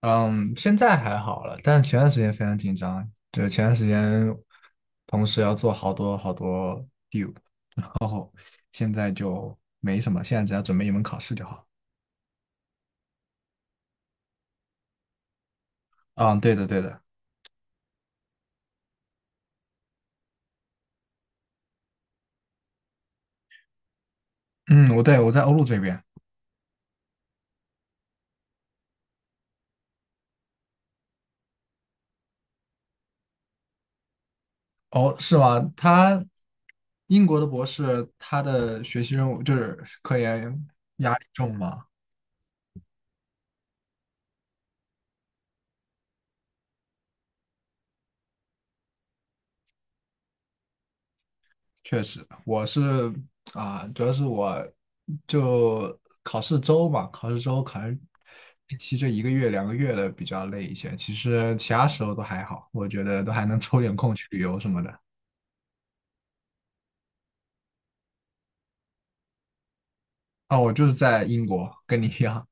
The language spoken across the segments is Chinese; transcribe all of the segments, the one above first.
嗯，现在还好了，但前段时间非常紧张。对，前段时间同时要做好多好多 due，然后现在就没什么，现在只要准备一门考试就好。嗯，对的，对的。嗯，我对我在欧陆这边。哦，是吗？他英国的博士，他的学习任务就是科研压力重吗？确实，我是啊，主要是我就考试周嘛，考试周可能实期这1个月、2个月的比较累一些。其实其他时候都还好，我觉得都还能抽点空去旅游什么的。啊，我就是在英国，跟你一样。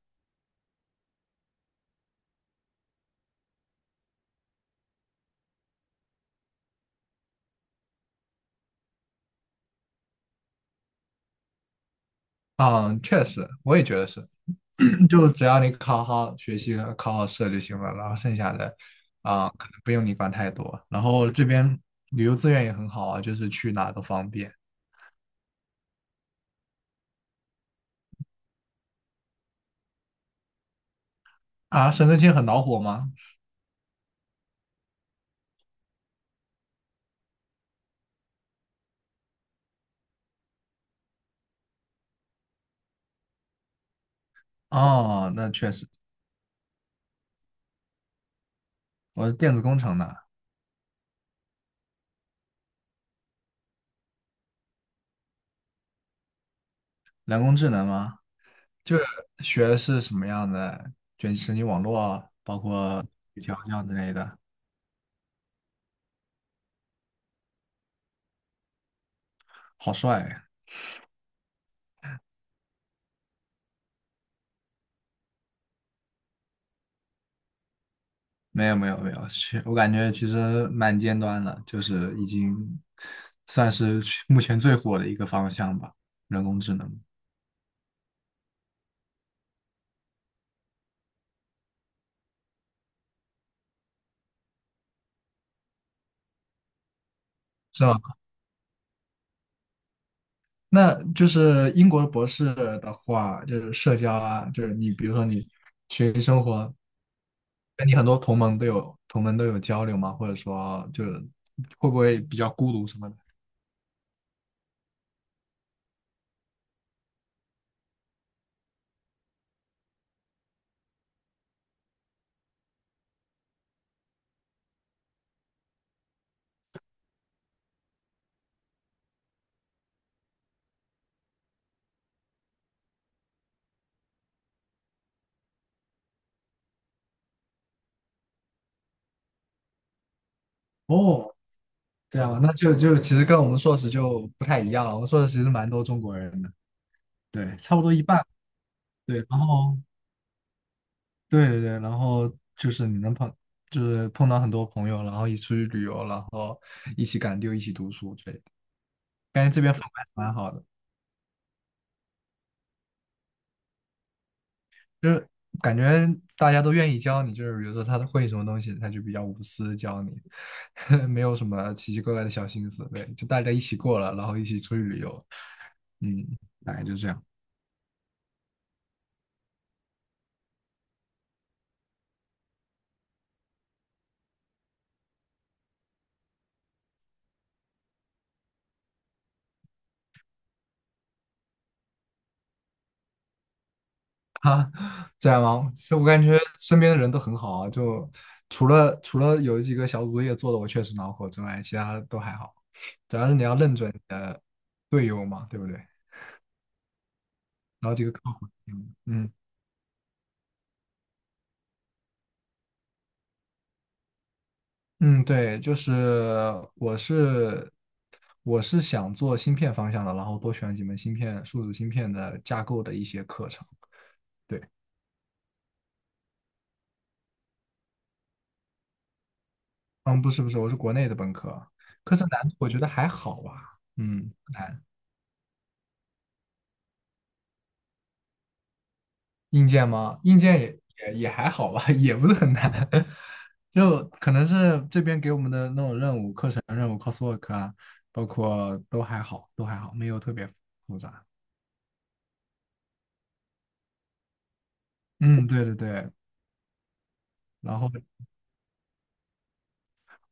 嗯，确实，我也觉得是，就只要你考好学习、考好试就行了，然后剩下的啊，可能不用你管太多。然后这边旅游资源也很好啊，就是去哪都方便。啊，省政厅很恼火吗？哦，那确实，我是电子工程的。人工智能吗？就是学的是什么样的卷神经网络，包括语调教之类的。好帅呀。没有没有没有，去，我感觉其实蛮尖端的，就是已经算是去目前最火的一个方向吧，人工智能。是吗？那就是英国的博士的话，就是社交啊，就是你比如说你学习生活，那你很多同盟都有交流吗？或者说就是会不会比较孤独什么的？哦，这样啊，那就其实跟我们硕士就不太一样了。我们硕士其实蛮多中国人的，对，差不多一半。对，然后对对对，然后就是你能碰，就是碰到很多朋友，然后一起出去旅游，然后一起赶丢，一起读书之类的，感觉这边氛围还是蛮好的。就是感觉大家都愿意教你，就是比如说他会什么东西，他就比较无私教你，没有什么奇奇怪怪的小心思，对，就大家一起过了，然后一起出去旅游，嗯，大概就这样。这样吗？就我感觉身边的人都很好啊，就除了有几个小组作业做的我确实恼火之外，其他都还好，主要是你要认准队友嘛，对不对？然后几个靠谱，嗯嗯。嗯，对，就是我是我是想做芯片方向的，然后多选几门芯片、数字芯片的架构的一些课程。对，嗯，不是不是，我是国内的本科，课程难度我觉得还好吧，嗯，不难。硬件吗？硬件也还好吧，也不是很难，就可能是这边给我们的那种任务、课程任务、c o s w o r k 啊，包括都还好，都还好，没有特别复杂。嗯，对对对。然后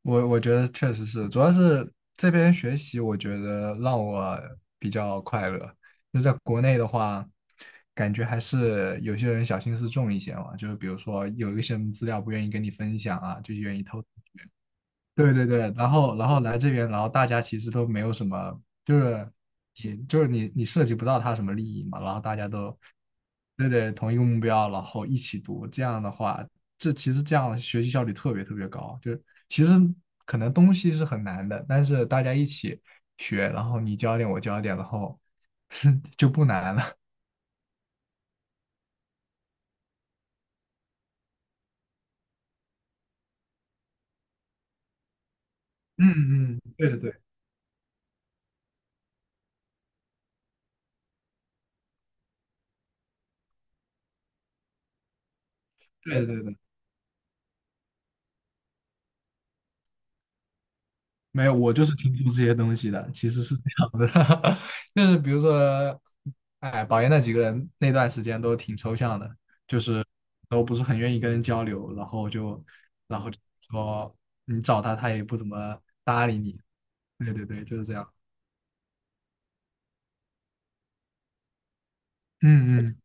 我觉得确实是，主要是这边学习，我觉得让我比较快乐。就在国内的话，感觉还是有些人小心思重一些嘛，就是比如说有一些什么资料不愿意跟你分享啊，就愿意偷。对对对，然后来这边，然后大家其实都没有什么，就是也就是你你涉及不到他什么利益嘛，然后大家都对对同一个目标，然后一起读，这样的话，这其实这样学习效率特别特别高，就是其实可能东西是很难的，但是大家一起学，然后你教一点我教一点，然后 就不难了。嗯嗯，对的对，对的对的。没有，我就是听说这些东西的，其实是这样的，就是比如说，哎，保研那几个人那段时间都挺抽象的，就是都不是很愿意跟人交流，然后就说你找他，他也不怎么搭理你。对对对，就是这样。嗯嗯，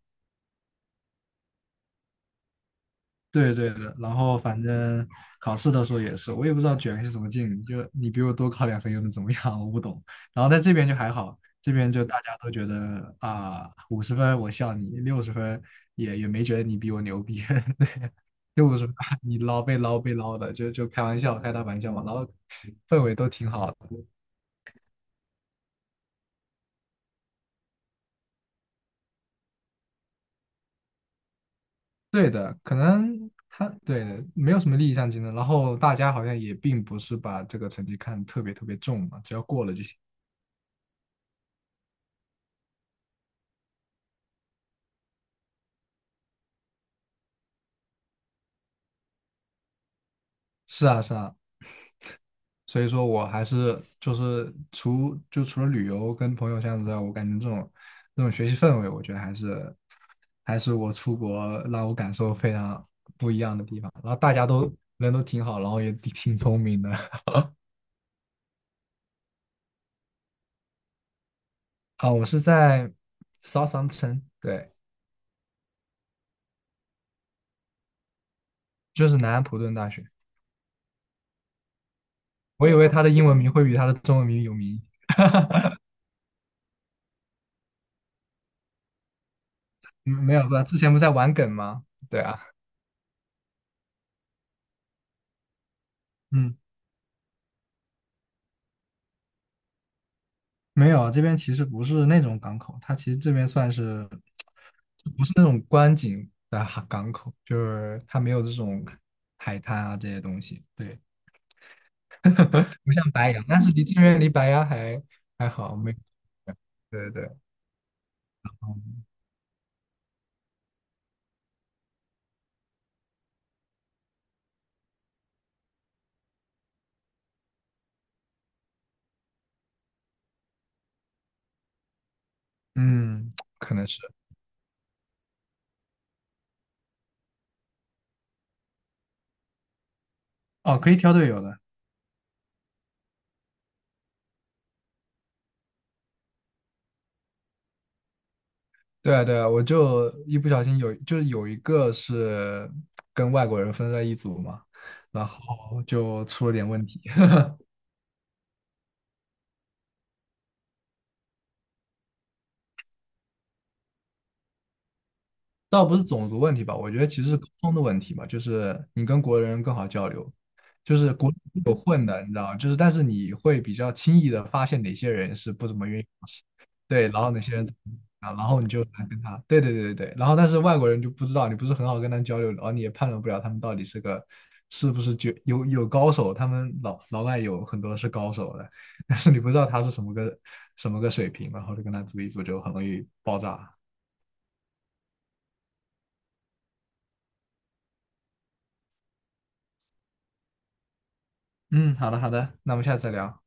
对对的，然后反正考试的时候也是，我也不知道卷是什么劲，就你比我多考2分又能怎么样？我不懂。然后在这边就还好，这边就大家都觉得啊，五十分我笑你，60分也没觉得你比我牛逼，对，就50分你捞被捞被捞的，就开玩笑，开大玩笑嘛，然后氛围都挺好的。对的，可能他对的没有什么利益上竞争，然后大家好像也并不是把这个成绩看得特别特别重嘛，只要过了就行。是啊，是啊，所以说我还是就是除了旅游跟朋友相处之外，我感觉这种学习氛围，我觉得还是我出国让我感受非常不一样的地方。然后大家都人都挺好，然后也挺挺聪明的。 啊。我是在 Southampton，对，就是南安普顿大学。我以为他的英文名会比他的中文名有名，嗯没有，不，之前不在玩梗吗？对啊，嗯。没有，啊，这边其实不是那种港口，它其实这边算是，不是那种观景的哈港口，就是它没有这种海滩啊这些东西，对，不像白洋，但是离这边离白洋还好，没，对对对，嗯，可能是，哦，可以挑队友的，对啊对啊，我就一不小心就是有一个是跟外国人分在一组嘛，然后就出了点问题，倒不是种族问题吧，我觉得其实是沟通的问题吧，就是你跟国人更好交流，就是国人有混的，你知道吗？就是但是你会比较轻易的发现哪些人是不怎么愿意做事，对，然后哪些人怎么啊，然后你就来跟他，对对对对对，然后但是外国人就不知道，你不是很好跟他交流，然后你也判断不了他们到底是个是不是绝有高手，他们老外有很多是高手的，但是你不知道他是什么个水平，然后就跟他组一组就很容易爆炸。嗯，好的好的，那我们下次再聊。